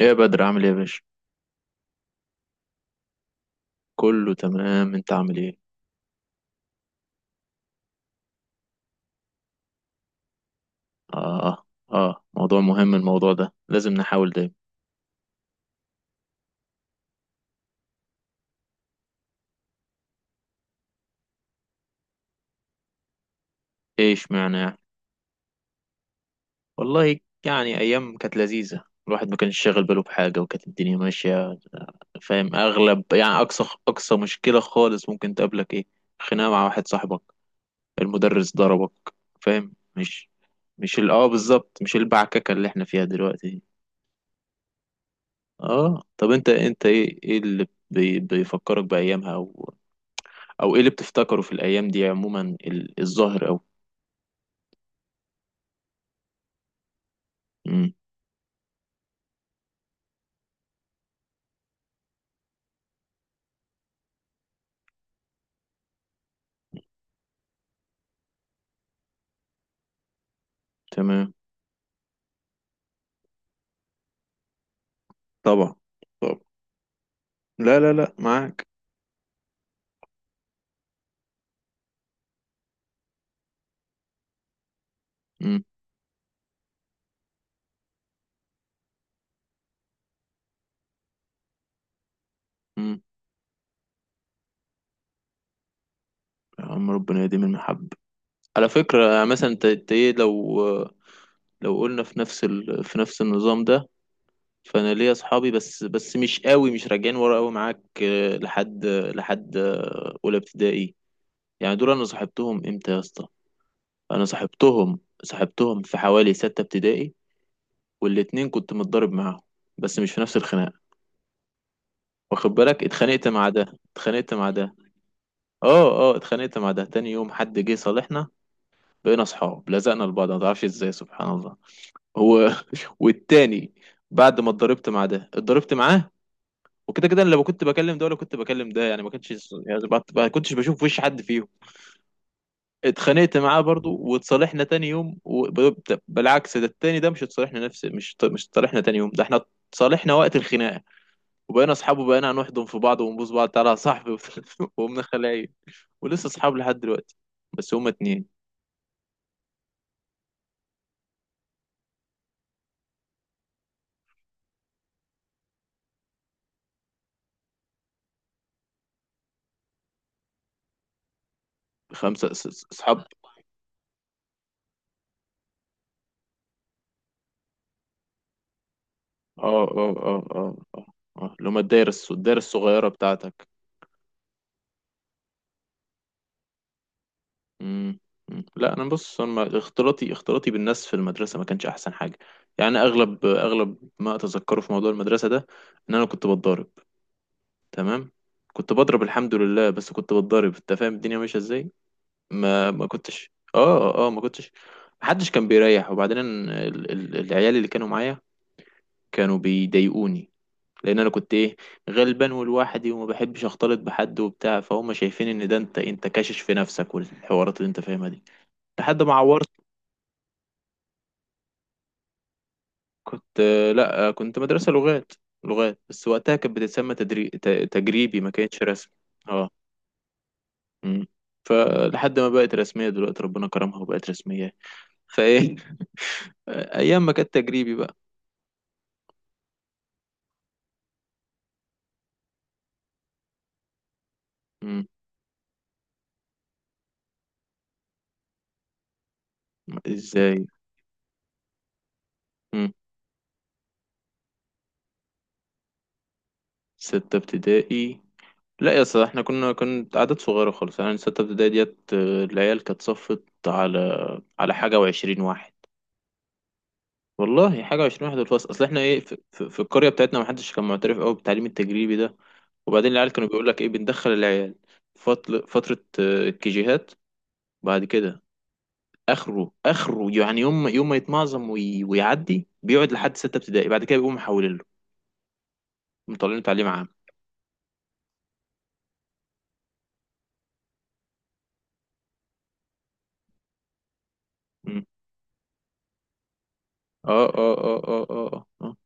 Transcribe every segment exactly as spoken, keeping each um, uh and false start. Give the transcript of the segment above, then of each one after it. ايه يا بدر، عامل ايه يا باشا؟ كله تمام، انت عامل ايه؟ اه اه موضوع مهم، الموضوع ده لازم نحاول دايما. ايه اشمعنى يعني؟ والله يعني ايام كانت لذيذه، الواحد ما كانش شاغل باله بحاجه، وكانت الدنيا ماشيه. فاهم، اغلب يعني اقصى اقصى مشكله خالص ممكن تقابلك ايه؟ خناقه مع واحد صاحبك، المدرس ضربك، فاهم؟ مش مش ال- اه بالظبط، مش البعككه اللي احنا فيها دلوقتي. اه، طب انت انت ايه ايه اللي بي بيفكرك بايامها، او ايه اللي بتفتكره في الايام دي عموما؟ ال- الظاهر او امم تمام. طبعا، طبعا. لا لا لا، معاك. امم امم يا عم ربنا يديم المحبة. على فكرة يعني مثلا انت انت ايه، لو لو قلنا في نفس ال... في نفس النظام ده، فانا ليا اصحابي، بس بس مش قوي، مش راجعين ورا قوي، معاك آه، لحد لحد آه، اولى ابتدائي. يعني دول انا صاحبتهم امتى يا اسطى؟ انا صاحبتهم، صاحبتهم في حوالي ستة ابتدائي. والاتنين كنت متضارب معاهم، بس مش في نفس الخناقة. واخد بالك، اتخانقت مع ده، اتخانقت مع ده. اه اه اتخانقت مع ده تاني يوم حد جه صالحنا، بقينا اصحاب، لزقنا لبعض، ما تعرفش ازاي، سبحان الله. هو والتاني، بعد ما اتضربت مع ده اتضربت معاه، وكده كده انا لو كنت بكلم ده ولا كنت بكلم ده، يعني ما كنتش يعني بط- ما كنتش بشوف وش حد فيهم. اتخانقت معاه برضو واتصالحنا تاني يوم، وب- بالعكس، ده التاني ده مش اتصالحنا نفس، مش مش اتصالحنا تاني يوم، ده احنا اتصالحنا وقت الخناقه، وبقينا اصحاب، وبقينا هنحضن في بعض ونبوس بعض، تعالى يا صاحبي. وبت- وقمنا خلايا، ولسه اصحاب لحد دلوقتي، بس هما اتنين. خمسة أص- أص- اصحاب. اه اه اه اه اه اه اللي هما الدايرة الص- الدايرة الصغيرة بتاعتك. مم. مم. لا انا بص، انا ما- اختلاطي، اختلاطي بالناس في المدرسة ما كانش احسن حاجة. يعني اغلب اغلب ما اتذكره في موضوع المدرسة ده ان انا كنت بتضارب. تمام، كنت بضرب الحمد لله، بس كنت بتضرب، انت فاهم الدنيا ماشية ازاي. ما ما كنتش، اه اه آه، ما كنتش، محدش كان بيريح. وبعدين ال... ال... العيال اللي كانوا معايا كانوا بيضايقوني، لان انا كنت ايه، غلبان ولوحدي وما بحبش اختلط بحد وبتاع، فهم شايفين ان ده انت انت كاشش في نفسك، والحوارات اللي انت فاهمها دي، لحد ما عورت. كنت، لا، كنت مدرسة لغات، لغات بس وقتها كانت بتتسمى تدري... ت... تجريبي، ما كانتش رسمي. اه، امم فلحد ما بقت رسمية دلوقتي ربنا كرمها وبقت رسمية، فايه. ايام ما كانت تجريبي بقى. مم. ازاي؟ مم. ستة ابتدائي؟ لا يا اسطى احنا كنا، كنت عدد صغيرة خالص، يعني ستة ابتدائي ديت آه، العيال كانت صفت على، على حاجة وعشرين واحد. والله حاجة وعشرين واحد في الفصل، اصل احنا ايه، في, في, في القرية بتاعتنا محدش كان معترف قوي بالتعليم التجريبي ده. وبعدين العيال كانوا بيقول لك ايه، بندخل العيال فترة فترة آه، الكيجيهات. بعد كده اخره اخره يعني يوم ما- يوم ما يتمعظم وي- ويعدي، بيقعد لحد ستة ابتدائي، بعد كده بيقوموا محولين له، مطلعين تعليم عام. مم. اه اه اه اه اه آه.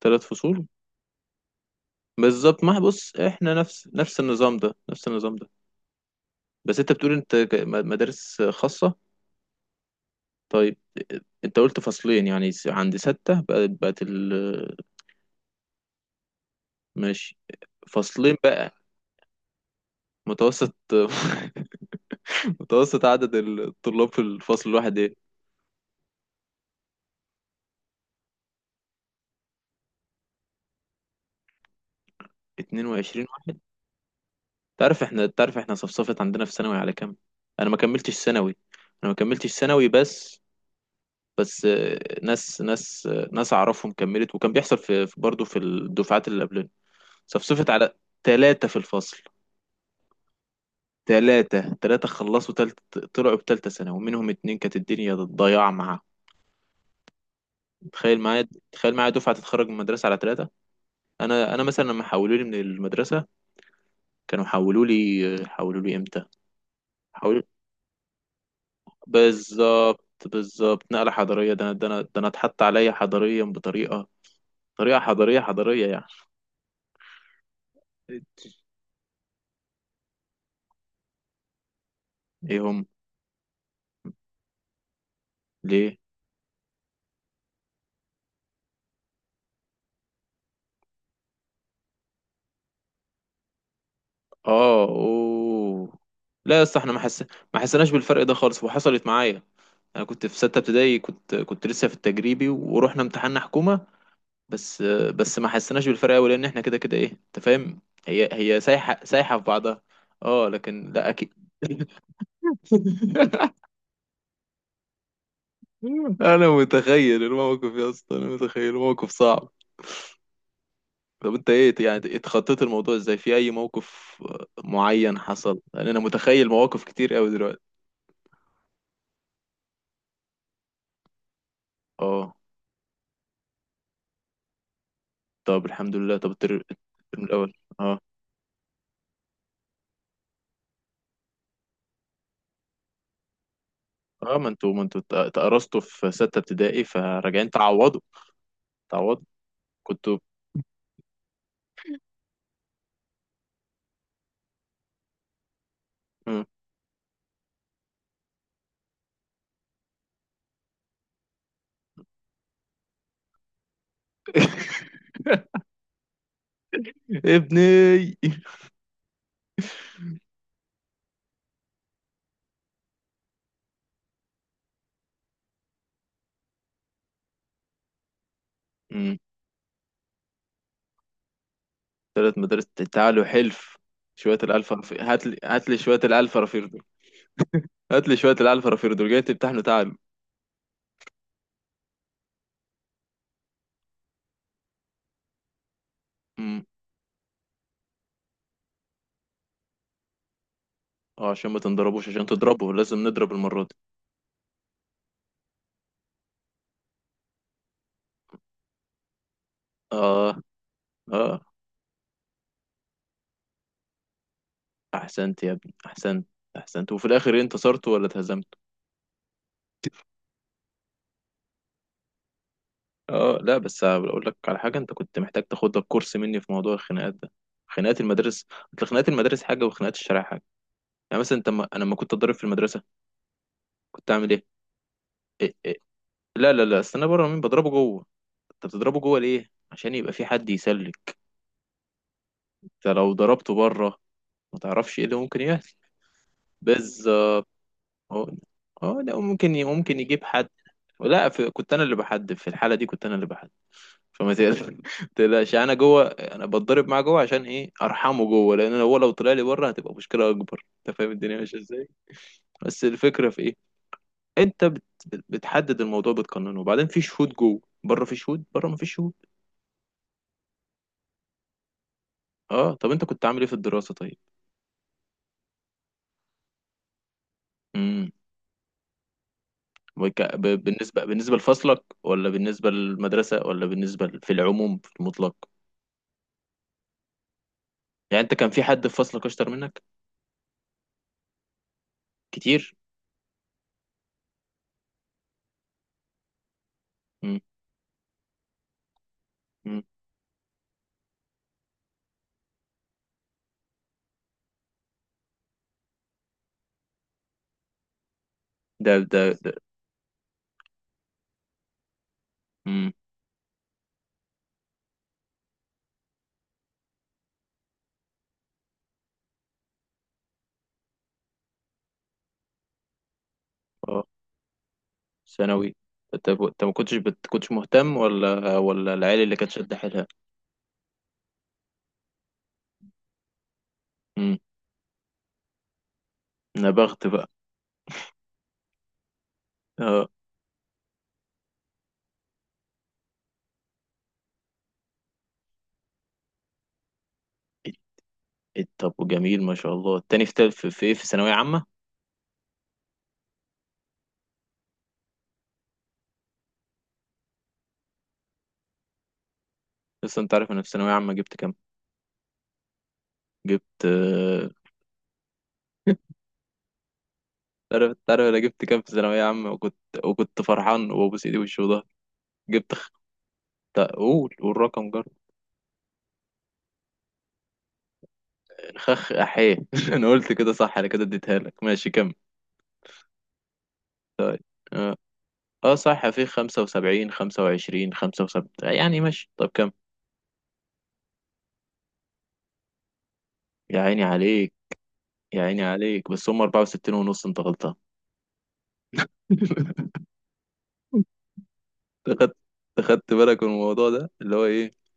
ثلاث فصول. بالظبط، ما بص احنا نفس نفس النظام ده نفس النظام ده. بس انت بتقول انت ك- م- مدارس خاصة، طيب. انت قلت فصلين، يعني س- عند ستة بقت، بقت ال... ماشي، فصلين بقى. متوسط، متوسط عدد الطلاب في الفصل الواحد ايه؟ اتنين وعشرين واحد. تعرف احنا، تعرف احنا صفصفت عندنا في ثانوي على كام؟ انا ما كملتش ثانوي. انا ما كملتش ثانوي بس، بس آه، ناس ناس آه، ناس اعرفهم كملت، وكان بيحصل في في- برضه في الدفعات اللي قبلنا صفصفت على ثلاثة في الفصل. ثلاثة ثلاثة خلصوا تلت، طلعوا بتالتة سنة، ومنهم اتنين كانت الدنيا ضياع معاهم. تخيل معايا، تخيل معايا دفعة تتخرج من المدرسة على ثلاثة. أنا أنا مثلا لما حولوا لي من المدرسة، كانوا حولوا لي، حولوا لي إمتى؟ حولوا، بالظبط بالظبط نقلة حضارية، ده أنا، ده أنا ده أنا اتحط عليا حضاريا بطريقة، طريقة حضارية، حضارية يعني. إيه هم؟ ليه؟ اه، اوه. لا يا اسطى، احنا ما حس... ما حسيناش بالفرق ده خالص. وحصلت معايا، انا كنت في ستة ابتدائي، كنت كنت لسه في التجريبي ورحنا امتحان حكومة، بس. بس ما حسيناش بالفرق قوي، لان احنا كده كده ايه، انت فاهم، هي هي سايحة، سايحة في بعضها. اه، لكن لا اكيد. انا متخيل الموقف يا اسطى، انا متخيل الموقف صعب. طب انت ايه يعني، اتخطيت الموضوع ازاي، في اي موقف معين حصل؟ لان انا متخيل مواقف كتير قوي دلوقتي. اه، طب الحمد لله. طب التر- الترم الاول؟ اه، اه. ما انتوا ما انتوا ات- اتقرصتوا في ستة ابتدائي، فراجعين تعوضوا، تعوضوا. كنتوا. مم. ابني. مم. ثلاث مدارس. تعالوا حلف شوية الألف رفيق، هات لي هات لي شوية الألف رفيق دول. هات لي شوية الألف رفيق دول، جاي تمتحنوا، تعالوا. مم. اه، عشان ما تنضربوش، عشان تضربوا لازم نضرب المرة دي. اه، اه. أحسنت يا ابني، أحسنت. أحسنت، وفي الآخر إيه، انتصرتوا ولا اتهزمتوا؟ اه، لا بس اقول لك على حاجه، انت كنت محتاج تاخد لك كورس مني في موضوع الخناقات ده، خناقات المدارس. أصل خناقات المدارس حاجه، وخناقات الشارع حاجه. يعني مثلا انت ما... انا لما كنت اتضرب في المدرسه كنت اعمل ايه؟ إيه, إيه؟ لا لا لا، استنى بره مين؟ بضربه جوه. انت بتضربه جوه ليه؟ عشان يبقى في حد يسلك. انت لو ضربته بره ما تعرفش ايه اللي ممكن يحصل. بس اه، اه، لا ممكن، ممكن يجيب حد. لا في، كنت انا اللي بحدد. في الحاله دي كنت انا اللي بحدد. فما تقل- تقلقش، يعني انا جوه، انا بتضرب معاه جوه، عشان ايه؟ ارحمه جوه، لان هو لو طلع لي بره هتبقى مشكله اكبر، انت فاهم الدنيا ماشيه ازاي. بس الفكره في ايه؟ انت بت... بت- بتحدد الموضوع، بتقننه، وبعدين في شهود جوه، بره في شهود، بره ما فيش شهود. اه، طب انت كنت عامل ايه في الدراسه طيب؟ امم وك... ب... بالنسبه، بالنسبه لفصلك، ولا بالنسبه للمدرسه، ولا بالنسبه ل- في العموم، في المطلق؟ يعني انت كان في حد في فصلك اشطر منك كتير؟ امم امم ده، ده ده امم ثانوي. انت انت ما كنتش بت... كنتش مهتم، ولا ولا العيال اللي كانت شد حيلها؟ امم انا بخت بقى. اه، إيه، إيه، طب وجميل ما شاء الله، التاني في تل... في في ايه في ثانوية عامة. لسه، انت عارف انا في ثانوية عامة جبت كام؟ جبت آه، تعرف، تعرف انا جبت كام في ثانوية عامة، وكنت وكنت فرحان وابوس ايدي وشي وضهري. جبت خ... تا- قول، والرقم جر. خخ احيه. انا قلت كده صح، انا كده اديتها لك، ماشي كم؟ اه صح، في خمسة وسبعين، خمسة وعشرين، خمسة وسبعين، يعني، ماشي، طب كم؟ يا عيني عليك، يا عيني عليك، بس هم اربعة وستين ونص، انت غلطان. اخدت، اخدت بالك من الموضوع ده اللي هو ايه؟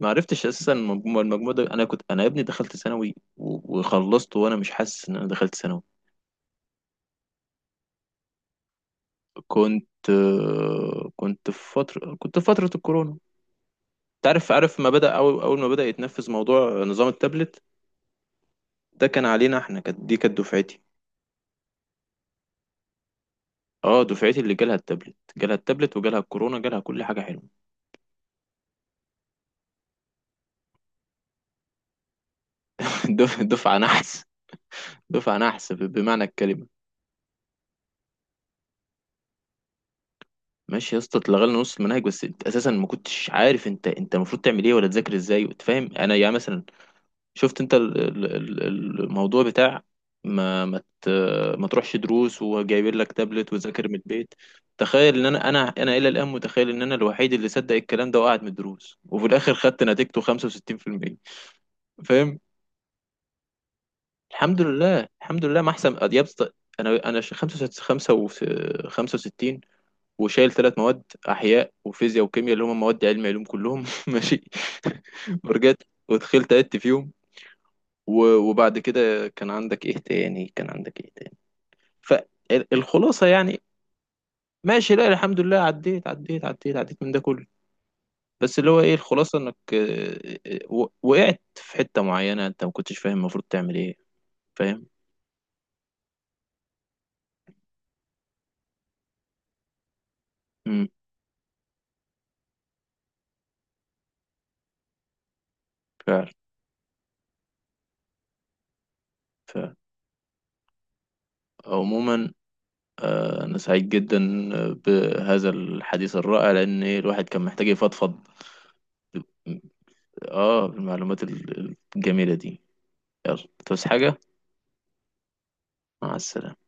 ما عرفتش اساسا المجموع، المجموع ده، انا كنت، انا يا ابني دخلت ثانوي و- وخلصت وانا مش حاسس ان انا دخلت ثانوي. كنت، كنت في فتره كنت في فتره الكورونا. انت عارف، عارف ما بدا اول اول ما بدا يتنفذ موضوع نظام التابلت ده، كان علينا احنا، كانت دي كانت دفعتي. اه، دفعتي اللي جالها التابلت، جالها التابلت، وجالها الكورونا، جالها كل حاجه حلوه. دف- دفعه نحس، دفعه نحس ب- بمعنى الكلمه. ماشي يا اسطى، اتلغى لنا نص المناهج، بس انت اساسا ما كنتش عارف انت، انت المفروض تعمل ايه، ولا تذاكر ازاي، وتفهم. انا يعني مثلا شفت انت ال- ال- ال- الموضوع بتاع، ما ما ت- ما تروحش دروس، وجايبين لك تابلت، وذاكر من البيت. تخيل ان انا، انا انا الى الان متخيل ان انا الوحيد اللي صدق الكلام ده وقعد من الدروس، وفي الاخر خدت نتيجته خمسة وستين في المية. فاهم؟ الحمد لله، الحمد لله ما احسن يا اسطى. انا، انا خمسة وستين خمسة وستين، وشايل ثلاث مواد، احياء وفيزياء وكيمياء اللي هم مواد علم علوم كلهم. ماشي. ورجعت ودخلت عدت فيهم، و- وبعد كده كان عندك ايه تاني، كان عندك ايه تاني، فالخلاصه يعني. ماشي، لا الحمد لله عديت، عديت عديت عديت من ده كله. بس اللي هو ايه، الخلاصه انك آه، آه، و- وقعت في حته معينه انت ما كنتش فاهم المفروض تعمل ايه. فاهم. امم فعلا. فعلا. عموما، آه، انا سعيد جدا آه، بهذا الحديث الرائع، لان إيه، الواحد كان محتاج يفضفض. اه، بالمعلومات ال- الجميلة دي. يلا، تصحى حاجة؟ مع السلامة.